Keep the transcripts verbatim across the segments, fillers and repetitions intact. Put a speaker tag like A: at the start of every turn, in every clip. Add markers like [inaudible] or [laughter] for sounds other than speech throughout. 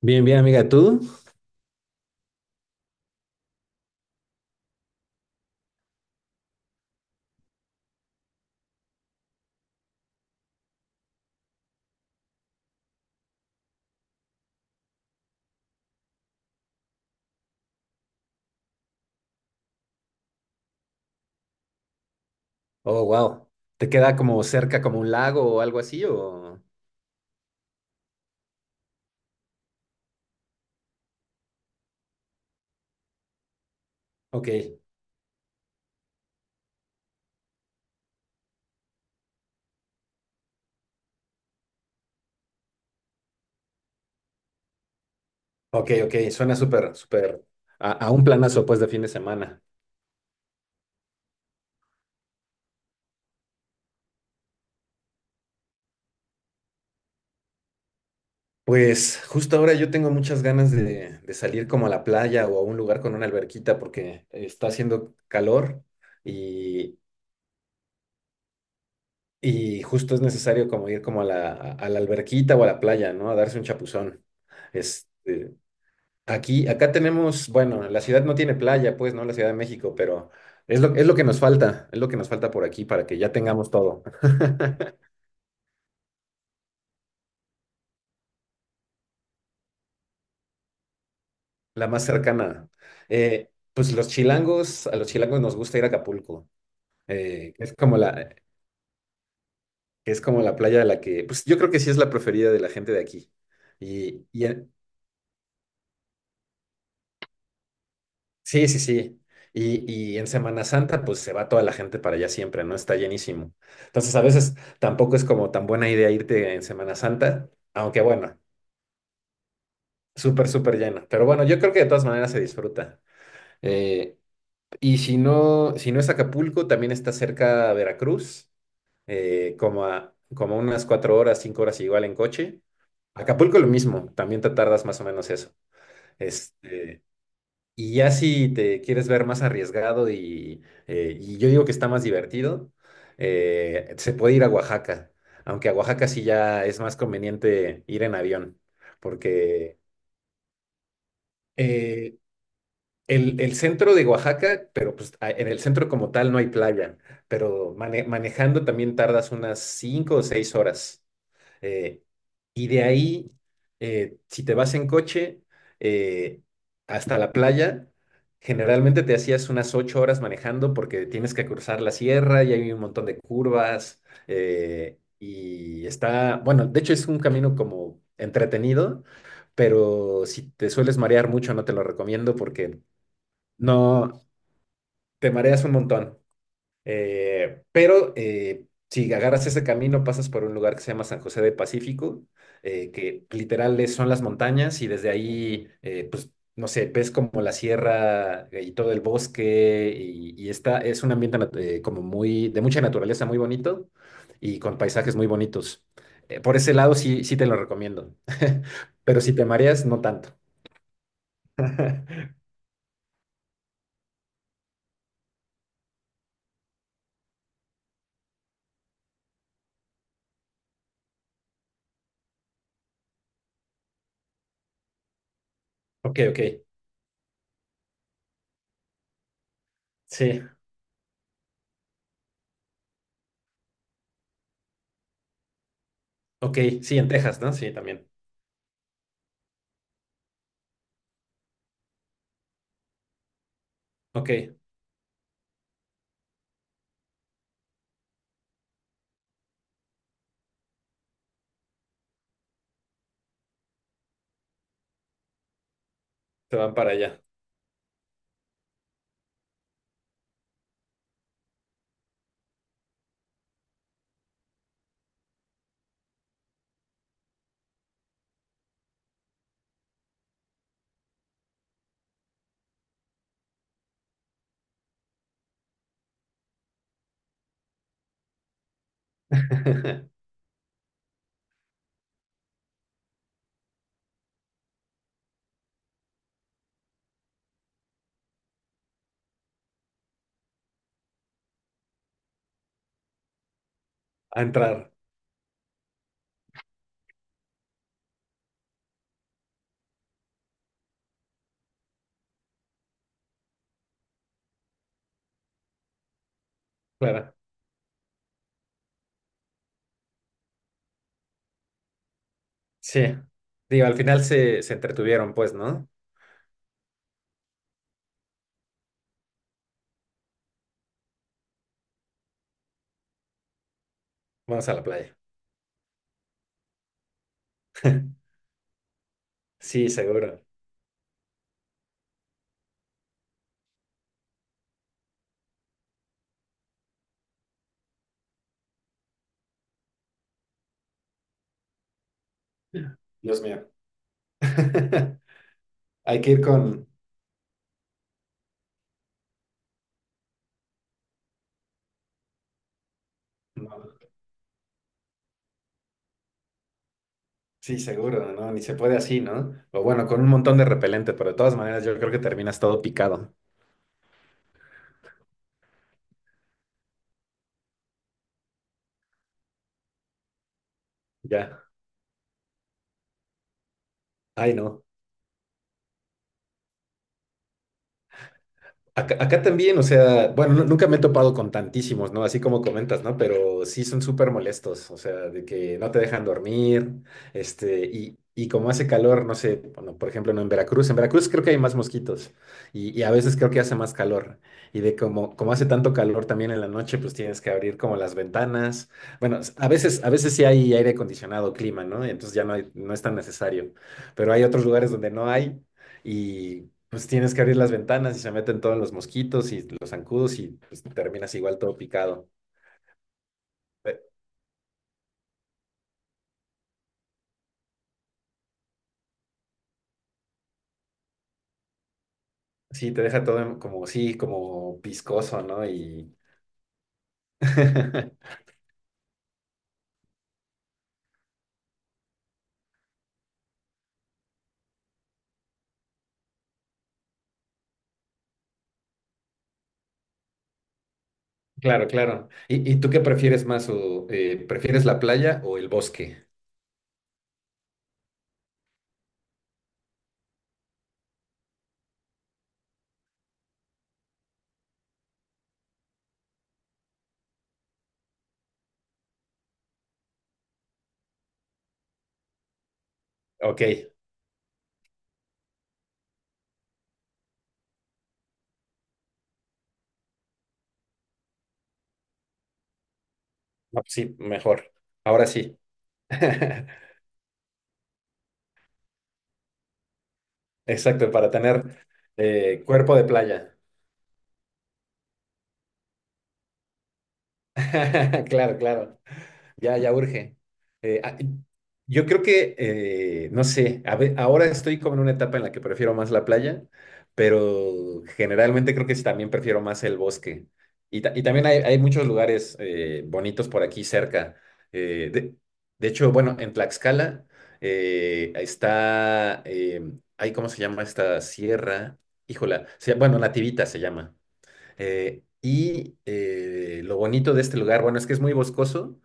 A: Bien, bien, amiga, ¿tú? Oh, wow. ¿Te queda como cerca, como un lago o algo así? O... Ok, ok, ok. Suena súper, súper a, a un planazo, pues, de fin de semana. Pues justo ahora yo tengo muchas ganas de, de salir como a la playa o a un lugar con una alberquita porque está haciendo calor y, y justo es necesario como ir como a la, a la alberquita o a la playa, ¿no? A darse un chapuzón. Este, Aquí, acá tenemos, bueno, la ciudad no tiene playa, pues, ¿no? La Ciudad de México, pero es lo, es lo que nos falta, es lo que nos falta por aquí para que ya tengamos todo. [laughs] La más cercana. Eh, pues los chilangos, a los chilangos nos gusta ir a Acapulco. Eh, es como la, es como la playa de la que, pues yo creo que sí es la preferida de la gente de aquí. Y, y, Sí, sí, sí. Y, y en Semana Santa, pues se va toda la gente para allá siempre, ¿no? Está llenísimo. Entonces, a veces tampoco es como tan buena idea irte en Semana Santa, aunque bueno, súper, súper lleno. Pero bueno, yo creo que de todas maneras se disfruta. Eh, y si no, si no es Acapulco, también está cerca Veracruz, eh, como a, como a unas cuatro horas, cinco horas igual en coche. Acapulco lo mismo, también te tardas más o menos eso. Este, Y ya si te quieres ver más arriesgado y, eh, y yo digo que está más divertido, eh, se puede ir a Oaxaca, aunque a Oaxaca sí ya es más conveniente ir en avión, porque eh, el, el centro de Oaxaca, pero pues a- en el centro como tal no hay playa, pero mane- manejando también tardas unas cinco o seis horas. Eh, y de ahí, eh, si te vas en coche eh, hasta la playa, generalmente te hacías unas ocho horas manejando porque tienes que cruzar la sierra y hay un montón de curvas. Eh, y está, bueno, de hecho es un camino como entretenido, pero si te sueles marear mucho, no te lo recomiendo porque no, te mareas un montón. Eh, pero eh, si agarras ese camino, pasas por un lugar que se llama San José de Pacífico, eh, que literal es- son las montañas y desde ahí, eh, pues, no sé, ves como la sierra eh, y todo el bosque y, y está, es un ambiente nat- eh, como muy, de mucha naturaleza, muy bonito y con paisajes muy bonitos. Eh, por ese lado sí, sí te lo recomiendo, [laughs] pero si te mareas, no tanto. [laughs] Ok, ok, sí, ok, sí, en Texas, ¿no? Sí, también. Ok, se van para allá. [laughs] A entrar, claro. Sí. Digo, al final se, se entretuvieron, pues, ¿no? Vamos a la playa. [laughs] Sí, seguro. Dios mío. [laughs] Hay que ir con... no, sí, seguro, ¿no? Ni se puede así, ¿no? O bueno, con un montón de repelente, pero de todas maneras yo creo que terminas todo picado. Ya. Ay, no. Acá, acá también, o sea, bueno, nu- nunca me he topado con tantísimos, ¿no? Así como comentas, ¿no? Pero sí son súper molestos, o sea, de que no te dejan dormir, este, y, y como hace calor, no sé, bueno, por ejemplo, no en Veracruz, en Veracruz creo que hay más mosquitos y, y a veces creo que hace más calor. Y de como, como hace tanto calor también en la noche, pues tienes que abrir como las ventanas. Bueno, a veces, a veces sí hay aire acondicionado, clima, ¿no? Entonces ya no hay- no es tan necesario. Pero hay otros lugares donde no hay. Y pues tienes que abrir las ventanas y se meten todos los mosquitos y los zancudos y pues terminas igual todo picado. Eh, Sí, te deja todo en- como, sí, como viscoso, ¿no? Y [laughs] claro, claro. ¿Y, y tú qué prefieres más? O, eh, ¿prefieres la playa o el bosque? Ok, no, pues sí, mejor. Ahora sí. [laughs] Exacto, para tener eh, cuerpo de playa. [laughs] Claro, claro. Ya, ya urge. Eh, ah, yo creo que, eh, no sé, a ve- ahora estoy como en una etapa en la que prefiero más la playa, pero generalmente creo que sí también prefiero más el bosque. Y, ta- y también hay, hay muchos lugares eh, bonitos por aquí cerca. Eh, de, de hecho, bueno, en Tlaxcala eh, está, eh, ay, ¿cómo se llama esta sierra? Híjola, se- bueno, Nativita se llama. Eh, y eh, lo bonito de este lugar, bueno, es que es muy boscoso,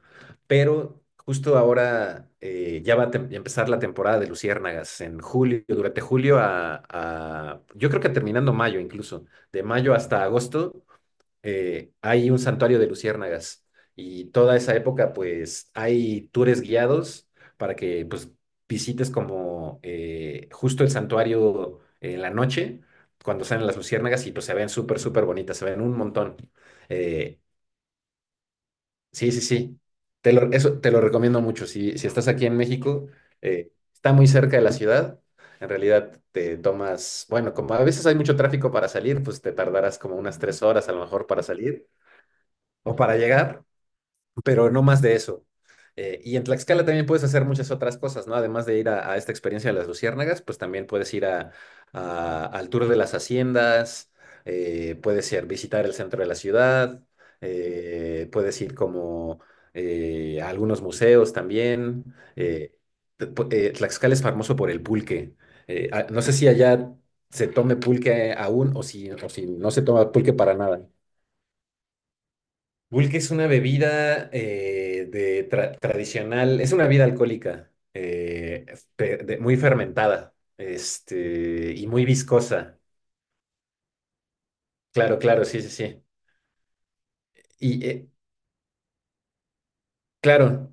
A: pero justo ahora eh, ya va a tem- empezar la temporada de luciérnagas en julio, durante julio a, a- yo creo que terminando mayo incluso, de mayo hasta agosto eh, hay un santuario de luciérnagas y toda esa época pues hay tours guiados para que pues visites como eh, justo el santuario en la noche cuando salen las luciérnagas y pues se ven súper súper bonitas, se ven un montón. Eh, sí, sí, sí. Te lo, eso te lo recomiendo mucho. Si, si estás aquí en México, eh, está muy cerca de la ciudad. En realidad te tomas, bueno, como a veces hay mucho tráfico para salir, pues te tardarás como unas tres horas a lo mejor para salir o para llegar, pero no más de eso. Eh, y en Tlaxcala también puedes hacer muchas otras cosas, ¿no? Además de ir a, a esta experiencia de las luciérnagas, pues también puedes ir a, a- al tour de las haciendas, eh, puedes ir visitar el centro de la ciudad, eh, puedes ir como eh, a algunos museos también. Eh, te- pu- eh, Tlaxcala es famoso por el pulque. Eh, ah, no sé si allá se tome pulque aún o si, o si no se toma pulque para nada. Pulque es una bebida eh, de tra- tradicional, es una bebida alcohólica, eh, fe- de- muy fermentada, este, y muy viscosa. Claro, claro, sí, sí, sí. Y eh, claro,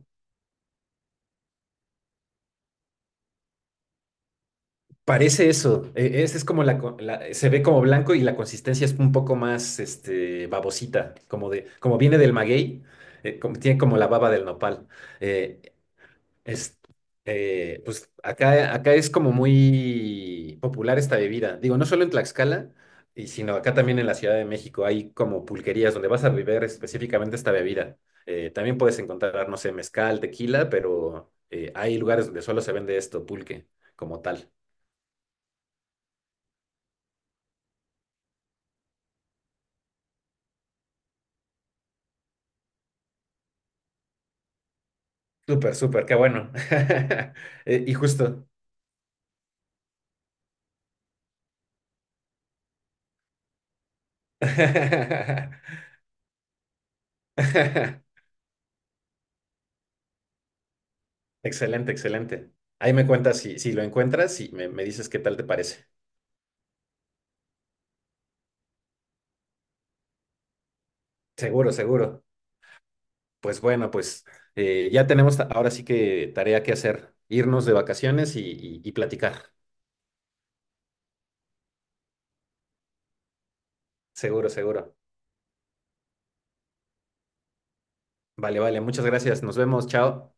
A: Parece eso. eh, es, es como la, co- la- se ve como blanco y la consistencia es un poco más, este, babosita, como de, como viene del maguey, eh, como- tiene como la baba del nopal. eh, Es, eh, pues acá, acá es como muy popular esta bebida. Digo, no solo en Tlaxcala, y sino acá también en la Ciudad de México hay como pulquerías donde vas a beber específicamente esta bebida. Eh, también puedes encontrar, no sé, mezcal, tequila, pero eh, hay lugares donde solo se vende esto, pulque, como tal. Súper, súper, qué bueno. [laughs] Eh, y justo. [laughs] Excelente, excelente. Ahí me cuentas si, si lo encuentras y me, me dices qué tal te parece. Seguro, seguro. Pues bueno, pues eh, ya tenemos ta- ahora sí que tarea que hacer, irnos de vacaciones y, y y platicar. Seguro, seguro. Vale, vale, muchas gracias. Nos vemos, chao.